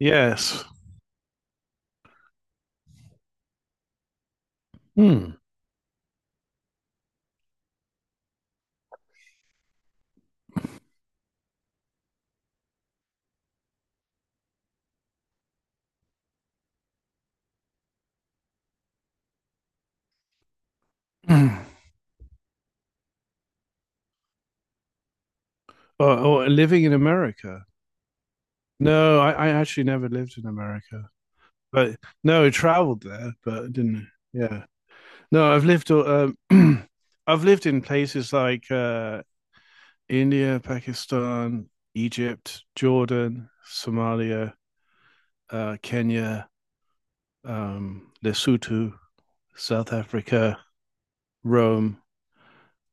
Yes. Hmm. or, or living in America. No, I actually never lived in America, but no, I traveled there, but I didn't. Yeah. No, I've lived. I've lived in places like India, Pakistan, Egypt, Jordan, Somalia, Kenya, Lesotho, South Africa, Rome,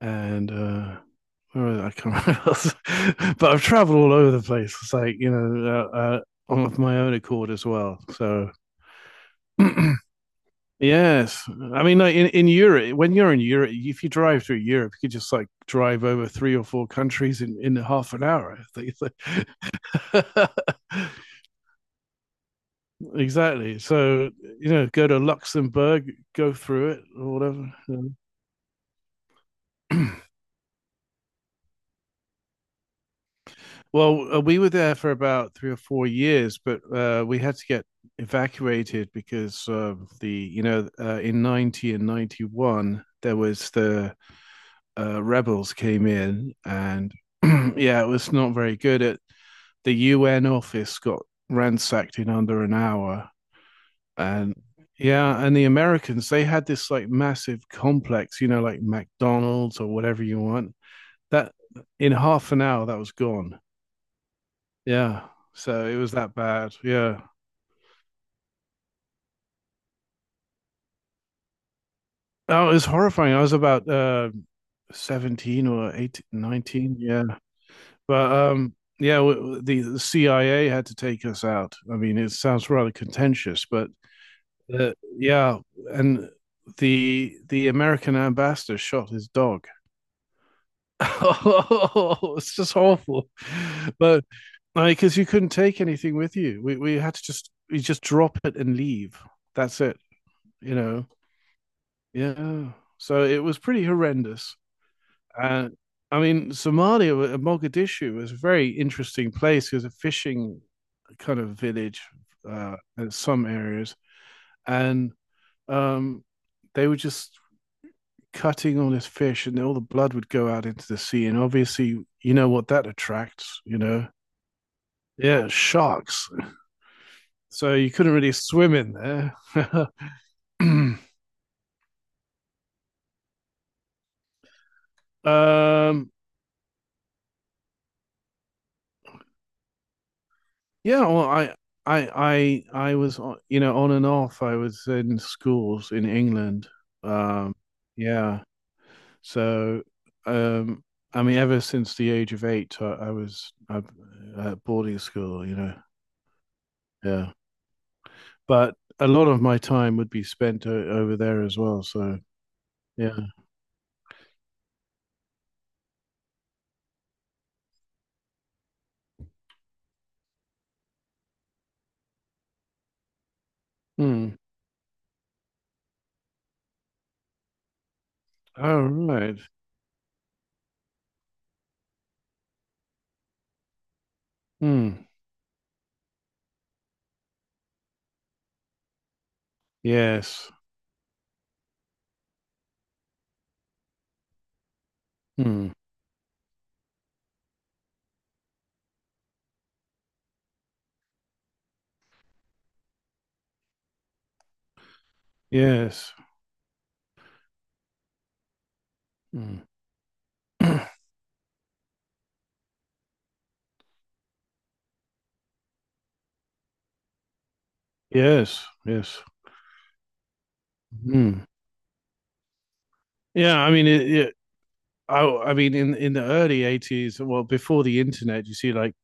and where was it? I can't remember. else. But I've traveled all over the place. It's like uh, uh, of my own accord as well. So yes, I mean, like in Europe, when you're in Europe, if you drive through Europe, you could just like drive over three or four countries in half an hour. Exactly. So, go to Luxembourg, go through it or whatever. Well, we were there for about 3 or 4 years, but we had to get evacuated because of the, in '90 and '91, there was the rebels came in, and yeah, it was not very good. The UN office got ransacked in under an hour, and yeah, and the Americans, they had this like massive complex, you know, like McDonald's or whatever you want. That In half an hour, that was gone. Yeah. So it was that bad. Yeah. Oh, it was horrifying. I was about 17 or 18, 19. Yeah. But yeah, the CIA had to take us out. I mean, it sounds rather contentious, but yeah, and the American ambassador shot his dog. Oh, it's just awful. But like, because you couldn't take anything with you, we just drop it and leave. That's it, you know. Yeah. So it was pretty horrendous. Uh, I mean, Somalia, Mogadishu was a very interesting place. It was a fishing kind of village in some areas. And um, they were just cutting all this fish, and all the blood would go out into the sea. And obviously, you know what that attracts, you know? Yeah, sharks. So you couldn't really swim in there. um, Yeah, well, I, I, I was on and off. I was in schools in England. Um, yeah. So, um, I mean, ever since the age of eight, I was at boarding school. You know, yeah. But a lot of my time would be spent o over there as well. So, yeah. Hmm. Oh, right. Hmm. Yes. Hmm. Yes. Hmm. Yes. Yes. Hmm. Yeah, I mean, it, yeah, I mean, in the early 80s, well, before the internet, you see, like,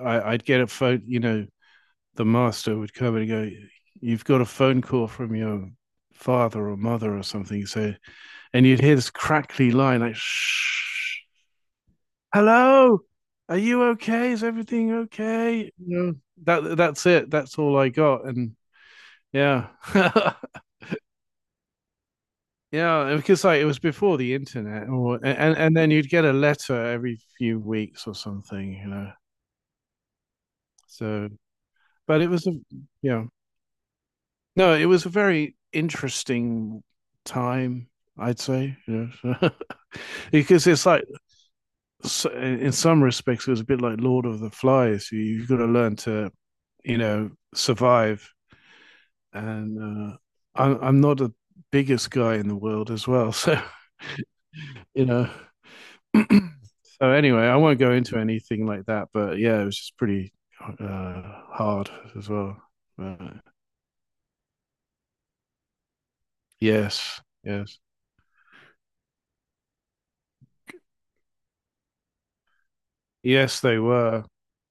I'd get a phone. You know, the master would come and go, "You've got a phone call from your father or mother or something." So, and you'd hear this crackly line like, "Shh, hello, are you okay? Is everything okay?" You know, that's it. That's all I got, and. Yeah. Yeah, because like it was before the internet, or and then you'd get a letter every few weeks or something, So, but it was a yeah. No, it was a very interesting time, I'd say. You know, because it's like in some respects it was a bit like Lord of the Flies. You've got to learn to survive. And uh, I'm not the biggest guy in the world as well, so you know. So anyway, I won't go into anything like that, but yeah, it was just pretty uh, hard as well. But yes, yes, yes, they were.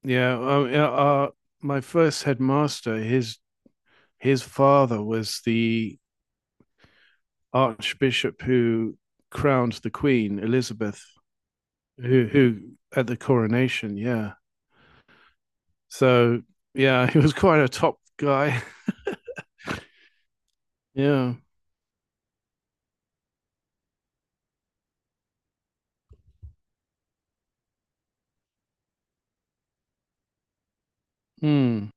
Yeah. My first headmaster, his father was the archbishop who crowned the Queen Elizabeth, who at the coronation. Yeah, so yeah, he was quite a top guy. Yeah. Hmm.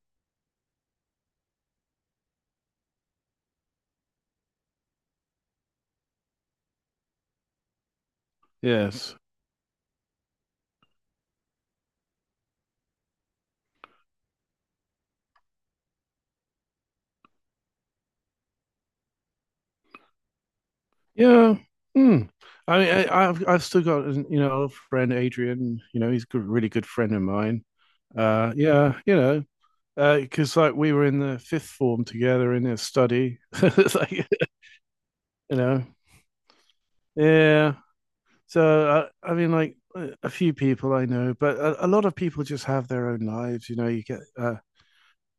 Yes. Yeah. Hmm. I mean, I've still got a friend Adrian. You know, he's a good, really good friend of mine. Yeah, because like we were in the fifth form together in a study, know, yeah. So I mean, like a few people I know, but a lot of people just have their own lives. You know, you get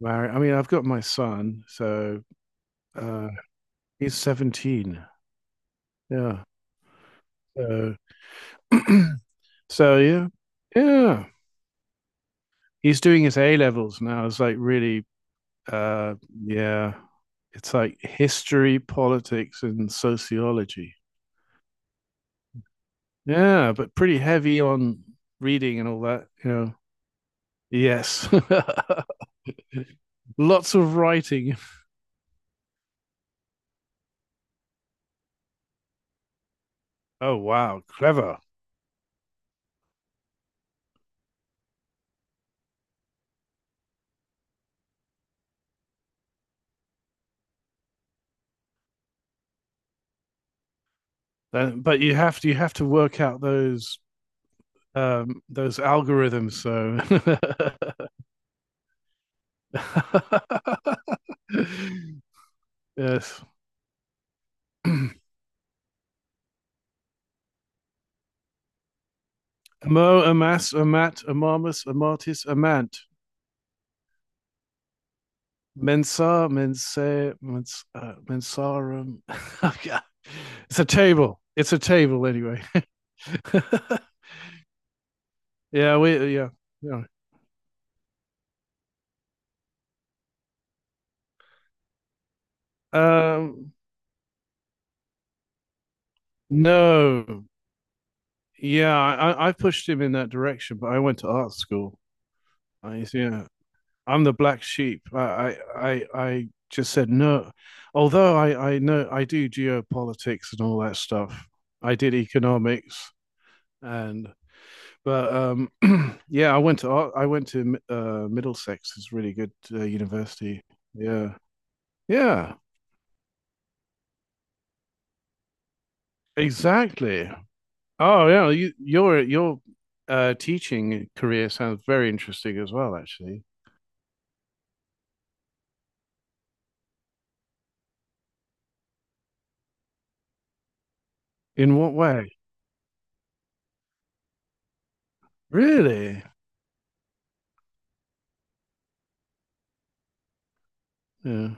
married. I mean, I've got my son, so uh, he's 17. Yeah. So, yeah, yeah. He's doing his A levels now. It's like really, uh, yeah. It's like history, politics, and sociology. Yeah, but pretty heavy on reading and all that. Yes. Lots of writing. Oh, wow. Clever. But you have to work out those algorithms, so yes. Amo amas amat amamus amatis amant. Mensa, mensa, Mensa mensarum. Oh, yeah. It's a table. It's a table anyway. Yeah, we yeah. Yeah. Um no. Yeah, I pushed him in that direction, but I went to art school. I Yeah. I'm the black sheep. I just said no. Although I know I do geopolitics and all that stuff. I did economics, and But yeah, I went to Middlesex. It's a really good university. Yeah, yeah, exactly. Oh yeah, your teaching career sounds very interesting as well. Actually, in what way? Really? Yeah.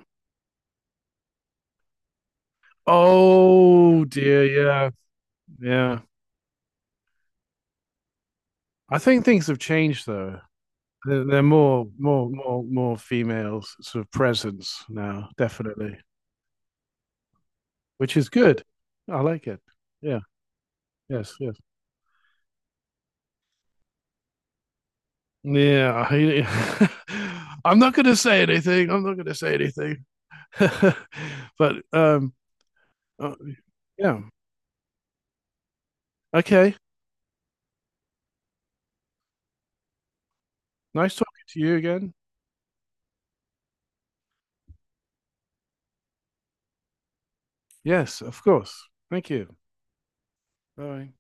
Oh dear. Yeah, yeah. I think things have changed though. There are more females sort of presence now, definitely, which is good. I like it. Yeah. Yes. Yes. Yeah, I'm not going to say anything. I'm not going to say anything. But uh, yeah. Okay. Nice talking to you again. Yes, of course. Thank you. Bye.